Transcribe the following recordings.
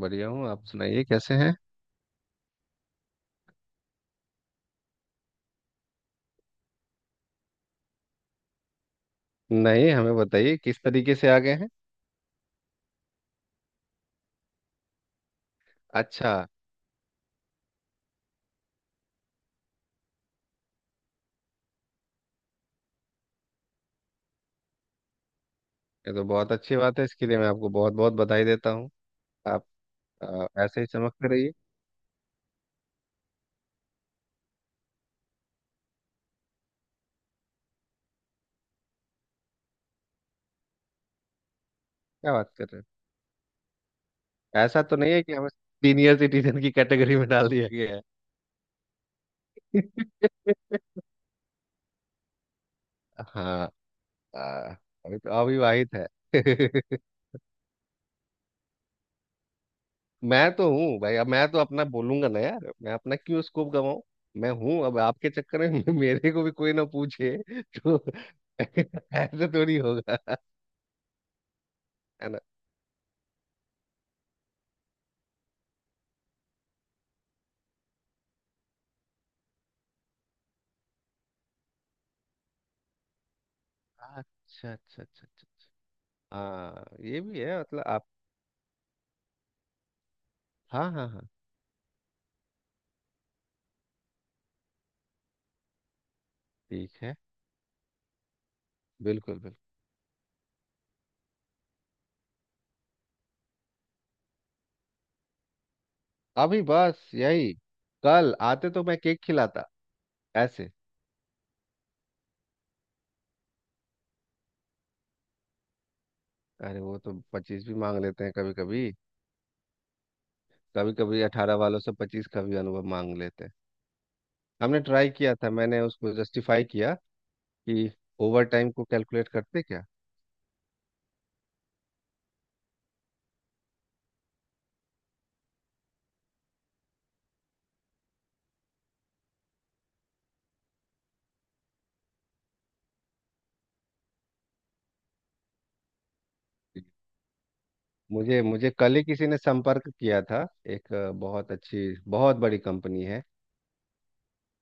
बढ़िया हूँ। आप सुनाइए कैसे हैं। नहीं, हमें बताइए किस तरीके से आ गए हैं। अच्छा, ये तो बहुत अच्छी बात है। इसके लिए मैं आपको बहुत बहुत बधाई देता हूँ। आप ऐसे ही चमकते रहिए। क्या बात कर रहे हैं। ऐसा तो नहीं है कि हमें सीनियर सिटीजन की कैटेगरी में डाल दिया गया है। हाँ। आ, अभी तो अविवाहित है। मैं तो हूँ भाई। अब मैं तो अपना बोलूंगा ना यार, मैं अपना क्यों स्कोप गवाऊं। मैं हूँ अब आपके चक्कर में। मेरे को भी कोई ना पूछे। तो ऐसे थोड़ी होगा है। अच्छा, अच्छा, अच्छा, अच्छा। हाँ, ये भी है मतलब आप। हाँ, हाँ, हाँ। ठीक है। बिल्कुल, बिल्कुल। अभी बस यही। कल आते तो मैं केक खिलाता। ऐसे। अरे, वो तो 25 भी मांग लेते हैं कभी कभी। कभी कभी 18 वालों से 25 का भी अनुभव मांग लेते हैं। हमने ट्राई किया था, मैंने उसको जस्टिफाई किया कि ओवर टाइम को कैलकुलेट करते क्या। मुझे मुझे कल ही किसी ने संपर्क किया था। एक बहुत अच्छी, बहुत बड़ी कंपनी है।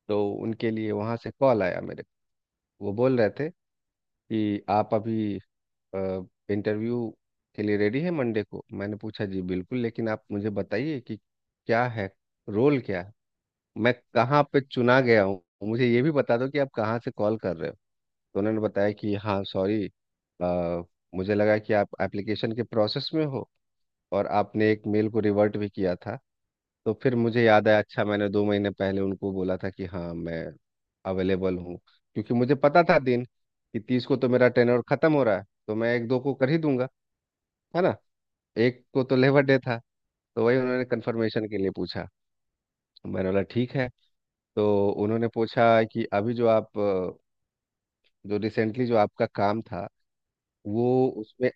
तो उनके लिए वहां से कॉल आया मेरे को। वो बोल रहे थे कि आप अभी इंटरव्यू के लिए रेडी है मंडे को। मैंने पूछा जी बिल्कुल, लेकिन आप मुझे बताइए कि क्या है, रोल क्या है, मैं कहाँ पे चुना गया हूँ, मुझे ये भी बता दो कि आप कहाँ से कॉल कर रहे हो। तो उन्होंने बताया कि हाँ सॉरी, मुझे लगा कि आप एप्लीकेशन के प्रोसेस में हो और आपने एक मेल को रिवर्ट भी किया था। तो फिर मुझे याद आया, अच्छा, मैंने 2 महीने पहले उनको बोला था कि हाँ मैं अवेलेबल हूँ, क्योंकि मुझे पता था दिन, कि 30 को तो मेरा टेनर खत्म हो रहा है, तो मैं एक दो को कर ही दूंगा, है ना। एक को तो लेबर डे था, तो वही उन्होंने कंफर्मेशन के लिए पूछा, तो मैंने बोला ठीक है। तो उन्होंने पूछा कि अभी जो आप जो रिसेंटली जो आपका काम था, वो उसमें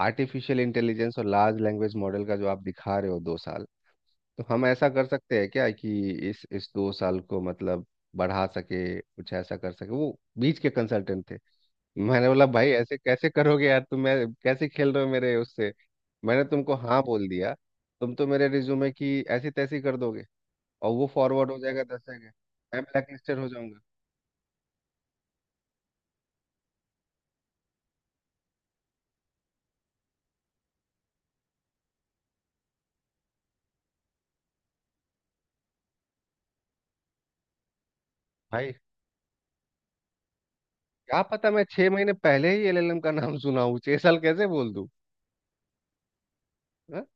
आर्टिफिशियल इंटेलिजेंस और लार्ज लैंग्वेज मॉडल का जो आप दिखा रहे हो 2 साल, तो हम ऐसा कर सकते हैं क्या कि इस 2 साल को मतलब बढ़ा सके, कुछ ऐसा कर सके। वो बीच के कंसल्टेंट थे। मैंने बोला, भाई ऐसे कैसे करोगे यार तुम, मैं कैसे खेल रहे हो मेरे उससे। मैंने तुमको हाँ बोल दिया, तुम तो मेरे रिज्यूमे की ऐसी तैसी कर दोगे और वो फॉरवर्ड हो जाएगा 10 जगह, मैं ब्लैक लिस्टेड हो जाऊंगा। भाई क्या पता, मैं 6 महीने पहले ही एलएलएम का नाम सुना हूँ, 6 साल कैसे बोल दूँ। हाँ?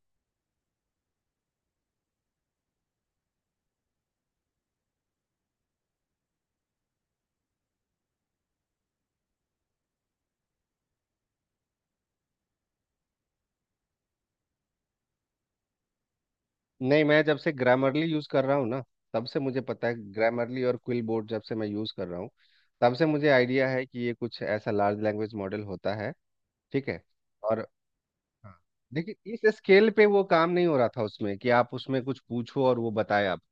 नहीं, मैं जब से ग्रामरली यूज़ कर रहा हूँ ना, तब से मुझे पता है। ग्रामरली और क्विल बोर्ड जब से मैं यूज़ कर रहा हूँ तब से मुझे आइडिया है कि ये कुछ ऐसा लार्ज लैंग्वेज मॉडल होता है। ठीक है। और हाँ, लेकिन इस स्केल पे वो काम नहीं हो रहा था उसमें, कि आप उसमें कुछ पूछो और वो बताए आप।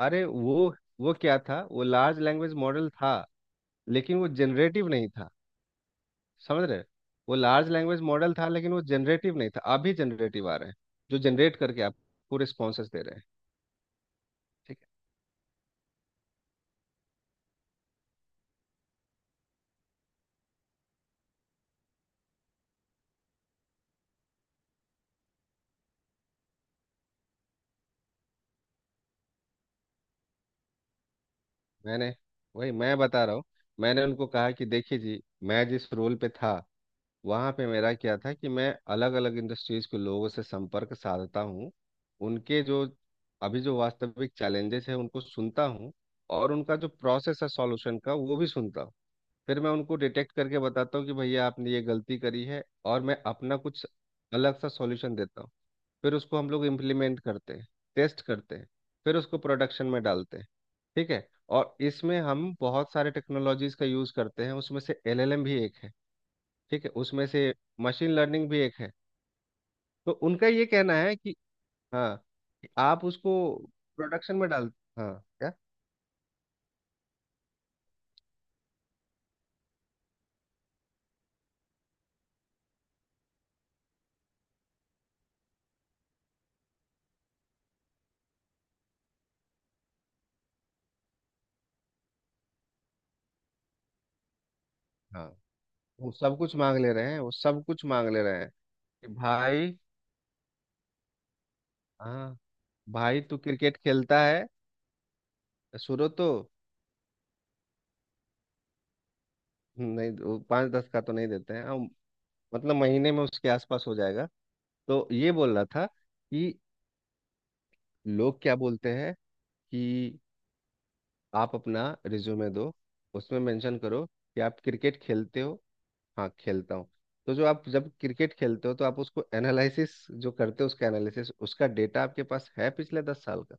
अरे वो क्या था, वो लार्ज लैंग्वेज मॉडल था लेकिन वो जनरेटिव नहीं था, समझ रहे। वो लार्ज लैंग्वेज मॉडल था लेकिन वो जनरेटिव नहीं था। अभी जनरेटिव आ रहे हैं जो जनरेट करके आपको रिस्पॉन्सेस दे रहे हैं। ठीक है? मैंने, वही मैं बता रहा हूँ, मैंने उनको कहा कि देखिए जी, मैं जिस रोल पे था वहाँ पे मेरा क्या था कि मैं अलग अलग इंडस्ट्रीज के लोगों से संपर्क साधता हूँ। उनके जो, अभी जो वास्तविक चैलेंजेस हैं उनको सुनता हूँ, और उनका जो प्रोसेस है सॉल्यूशन का वो भी सुनता हूँ। फिर मैं उनको डिटेक्ट करके बताता हूँ कि भैया आपने ये गलती करी है और मैं अपना कुछ अलग सा सॉल्यूशन देता हूँ। फिर उसको हम लोग इम्प्लीमेंट करते हैं, टेस्ट करते हैं, फिर उसको प्रोडक्शन में डालते हैं, ठीक है। और इसमें हम बहुत सारे टेक्नोलॉजीज का यूज़ करते हैं, उसमें से एलएलएम भी एक है, ठीक है, उसमें से मशीन लर्निंग भी एक है। तो उनका ये कहना है कि हाँ कि आप उसको प्रोडक्शन में डाल। हाँ, क्या, हाँ। वो सब कुछ मांग ले रहे हैं, वो सब कुछ मांग ले रहे हैं, कि भाई, हाँ। भाई तू क्रिकेट खेलता है शुरू तो। नहीं, वो पाँच दस का तो नहीं देते हैं हम, मतलब महीने में उसके आसपास हो जाएगा। तो ये बोल रहा था कि लोग क्या बोलते हैं कि आप अपना रिज्यूमे दो, उसमें मेंशन करो कि आप क्रिकेट खेलते हो। हाँ, खेलता हूँ। तो जो आप जब क्रिकेट खेलते हो तो आप उसको एनालिसिस जो करते हो, उसका एनालिसिस, उसका डेटा आपके पास है पिछले 10 साल का।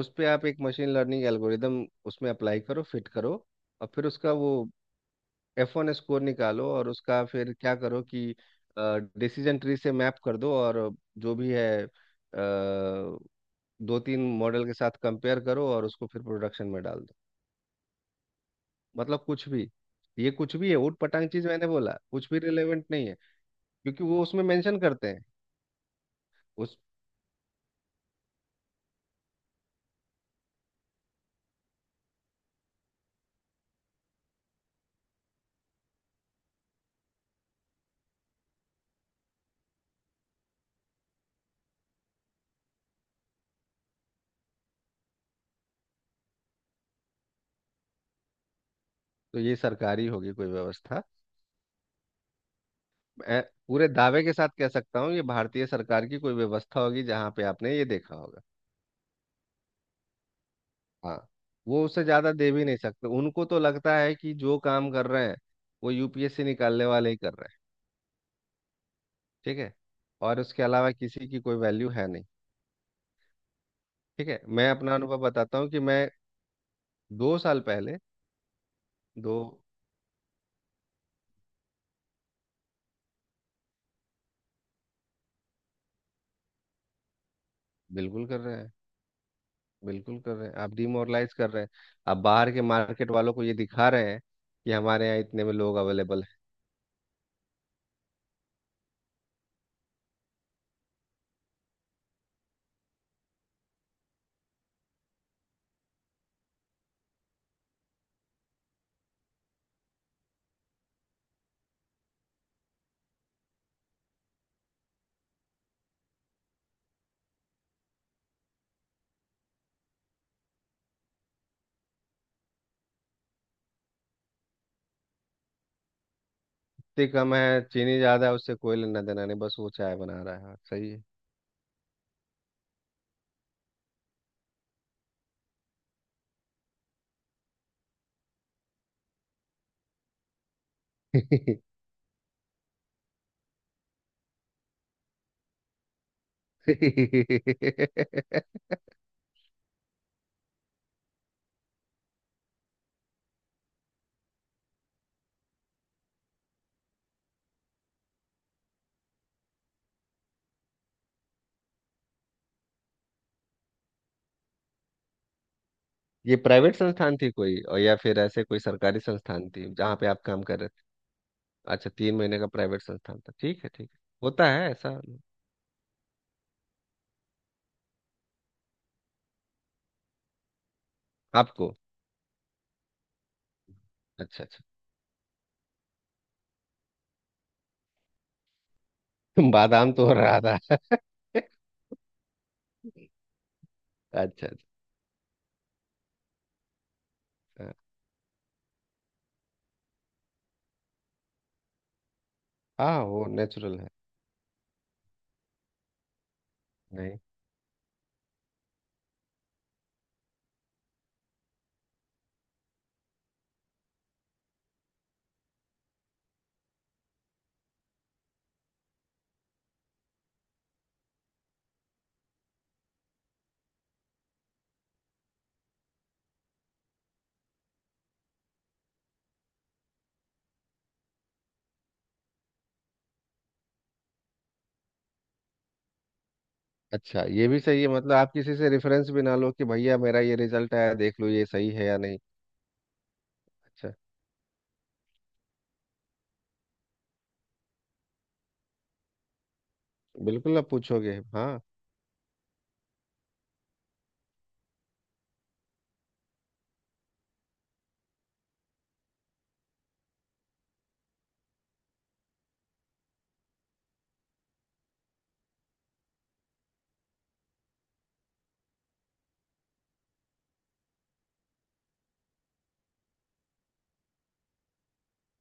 उस पे आप एक मशीन लर्निंग एल्गोरिदम उसमें अप्लाई करो, फिट करो, और फिर उसका वो F1 स्कोर निकालो, और उसका फिर क्या करो कि डिसीजन ट्री से मैप कर दो, और जो भी है दो तीन मॉडल के साथ कंपेयर करो, और उसको फिर प्रोडक्शन में डाल दो। मतलब कुछ भी। ये कुछ भी है, ऊट पटांग चीज। मैंने बोला, कुछ भी रिलेवेंट नहीं है, क्योंकि वो उसमें मेंशन करते हैं उस। तो ये सरकारी होगी कोई व्यवस्था, मैं पूरे दावे के साथ कह सकता हूँ ये भारतीय सरकार की कोई व्यवस्था होगी जहाँ पे आपने ये देखा होगा। हाँ, वो उससे ज्यादा दे भी नहीं सकते, उनको तो लगता है कि जो काम कर रहे हैं वो यूपीएससी निकालने वाले ही कर रहे हैं। ठीक है, और उसके अलावा किसी की कोई वैल्यू है नहीं। ठीक है, मैं अपना अनुभव बताता हूँ कि मैं 2 साल पहले दो, बिल्कुल कर रहे हैं, बिल्कुल कर रहे हैं, आप डिमोरलाइज कर रहे हैं। आप बाहर के मार्केट वालों को ये दिखा रहे हैं कि हमारे यहाँ इतने में लोग अवेलेबल है। इतनी कम है, चीनी ज्यादा है उससे कोई लेना देना नहीं, बस वो चाय बना रहा है। हाँ, सही है। ये प्राइवेट संस्थान थी कोई, और या फिर ऐसे कोई सरकारी संस्थान थी जहाँ पे आप काम कर रहे थे? अच्छा, 3 महीने का प्राइवेट संस्थान था। ठीक है, ठीक है, होता है ऐसा। आपको अच्छा, अच्छा। बादाम तो हो रहा था। अच्छा, अच्छा। हाँ, वो नेचुरल है। नहीं, अच्छा, ये भी सही है मतलब, आप किसी से रेफरेंस भी ना लो कि भैया मेरा ये रिजल्ट आया, देख लो ये सही है या नहीं। अच्छा, बिल्कुल आप पूछोगे हाँ।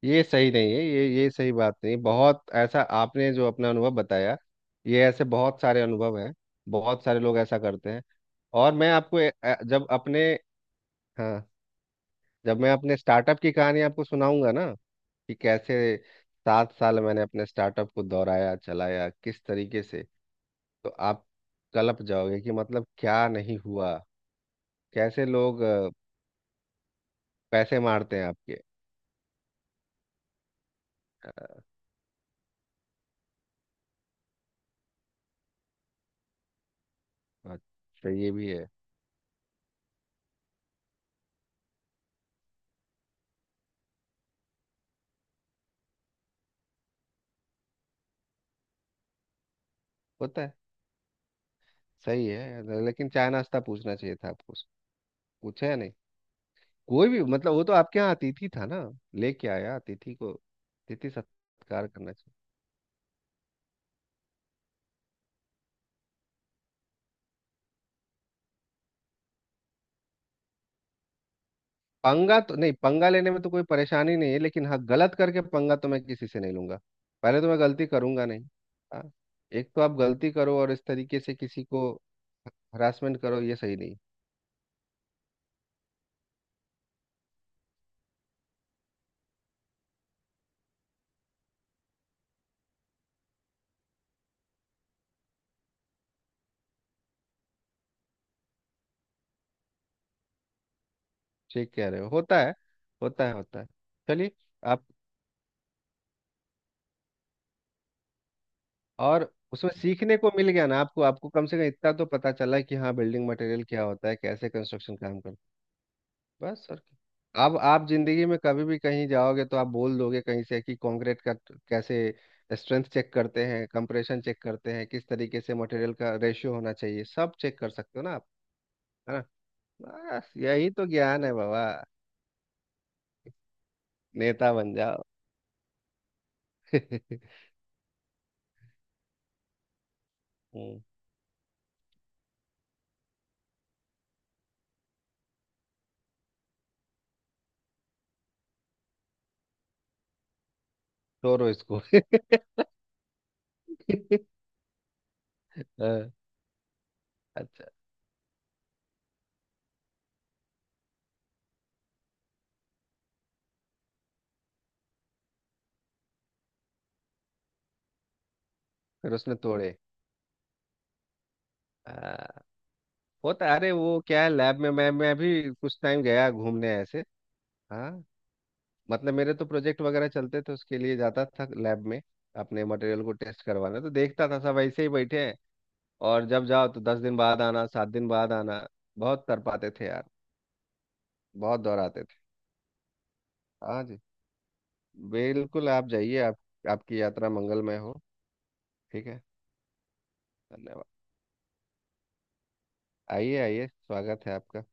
ये सही नहीं है, ये सही बात नहीं, बहुत ऐसा आपने जो अपना अनुभव बताया। ये ऐसे बहुत सारे अनुभव हैं, बहुत सारे लोग ऐसा करते हैं। और मैं आपको जब अपने, हाँ, जब मैं अपने स्टार्टअप की कहानी आपको सुनाऊंगा ना, कि कैसे 7 साल मैंने अपने स्टार्टअप को दोहराया चलाया किस तरीके से, तो आप कलप जाओगे कि मतलब क्या नहीं हुआ, कैसे लोग पैसे मारते हैं आपके। अ, अच्छा, ये भी है, होता है। सही है लेकिन चाय नाश्ता पूछना चाहिए था आपको, पूछे या नहीं, कोई भी मतलब वो तो आपके यहाँ अतिथि था ना, लेके आया अतिथि को, अतिथि सत्कार करना चाहिए। पंगा तो नहीं, पंगा लेने में तो कोई परेशानी नहीं है, लेकिन हाँ गलत करके पंगा तो मैं किसी से नहीं लूंगा। पहले तो मैं गलती करूंगा नहीं। हाँ। एक तो आप गलती करो और इस तरीके से किसी को हरासमेंट करो, ये सही नहीं। ठीक कह रहे हो, होता है, होता है, होता है। चलिए, आप। और उसमें सीखने को मिल गया ना आपको आपको कम से कम इतना तो पता चला कि हाँ बिल्डिंग मटेरियल क्या होता है, कैसे कंस्ट्रक्शन काम करता है, बस और क्या। अब आप जिंदगी में कभी भी कहीं जाओगे तो आप बोल दोगे कहीं से कि कंक्रीट का कैसे स्ट्रेंथ चेक करते हैं, कंप्रेशन चेक करते हैं, किस तरीके से मटेरियल का रेशियो होना चाहिए, सब चेक कर सकते हो ना आप, है ना। बस यही तो ज्ञान है बाबा, नेता बन जाओ। हम्म, तोड़ो इसको। हाँ, अच्छा। फिर उसमें तोड़े। हाँ। होता है। अरे वो क्या है, लैब में मैं भी कुछ टाइम गया घूमने ऐसे। हाँ, मतलब मेरे तो प्रोजेक्ट वगैरह चलते थे, उसके लिए जाता था लैब में, अपने मटेरियल को टेस्ट करवाना, तो देखता था सब ऐसे ही बैठे हैं। और जब जाओ तो 10 दिन बाद आना, 7 दिन बाद आना। बहुत कर पाते थे यार, बहुत दोहराते थे। हाँ जी, बिल्कुल आप जाइए। आप, आपकी यात्रा मंगलमय हो। ठीक है, धन्यवाद। आइए, आइए, स्वागत है आपका।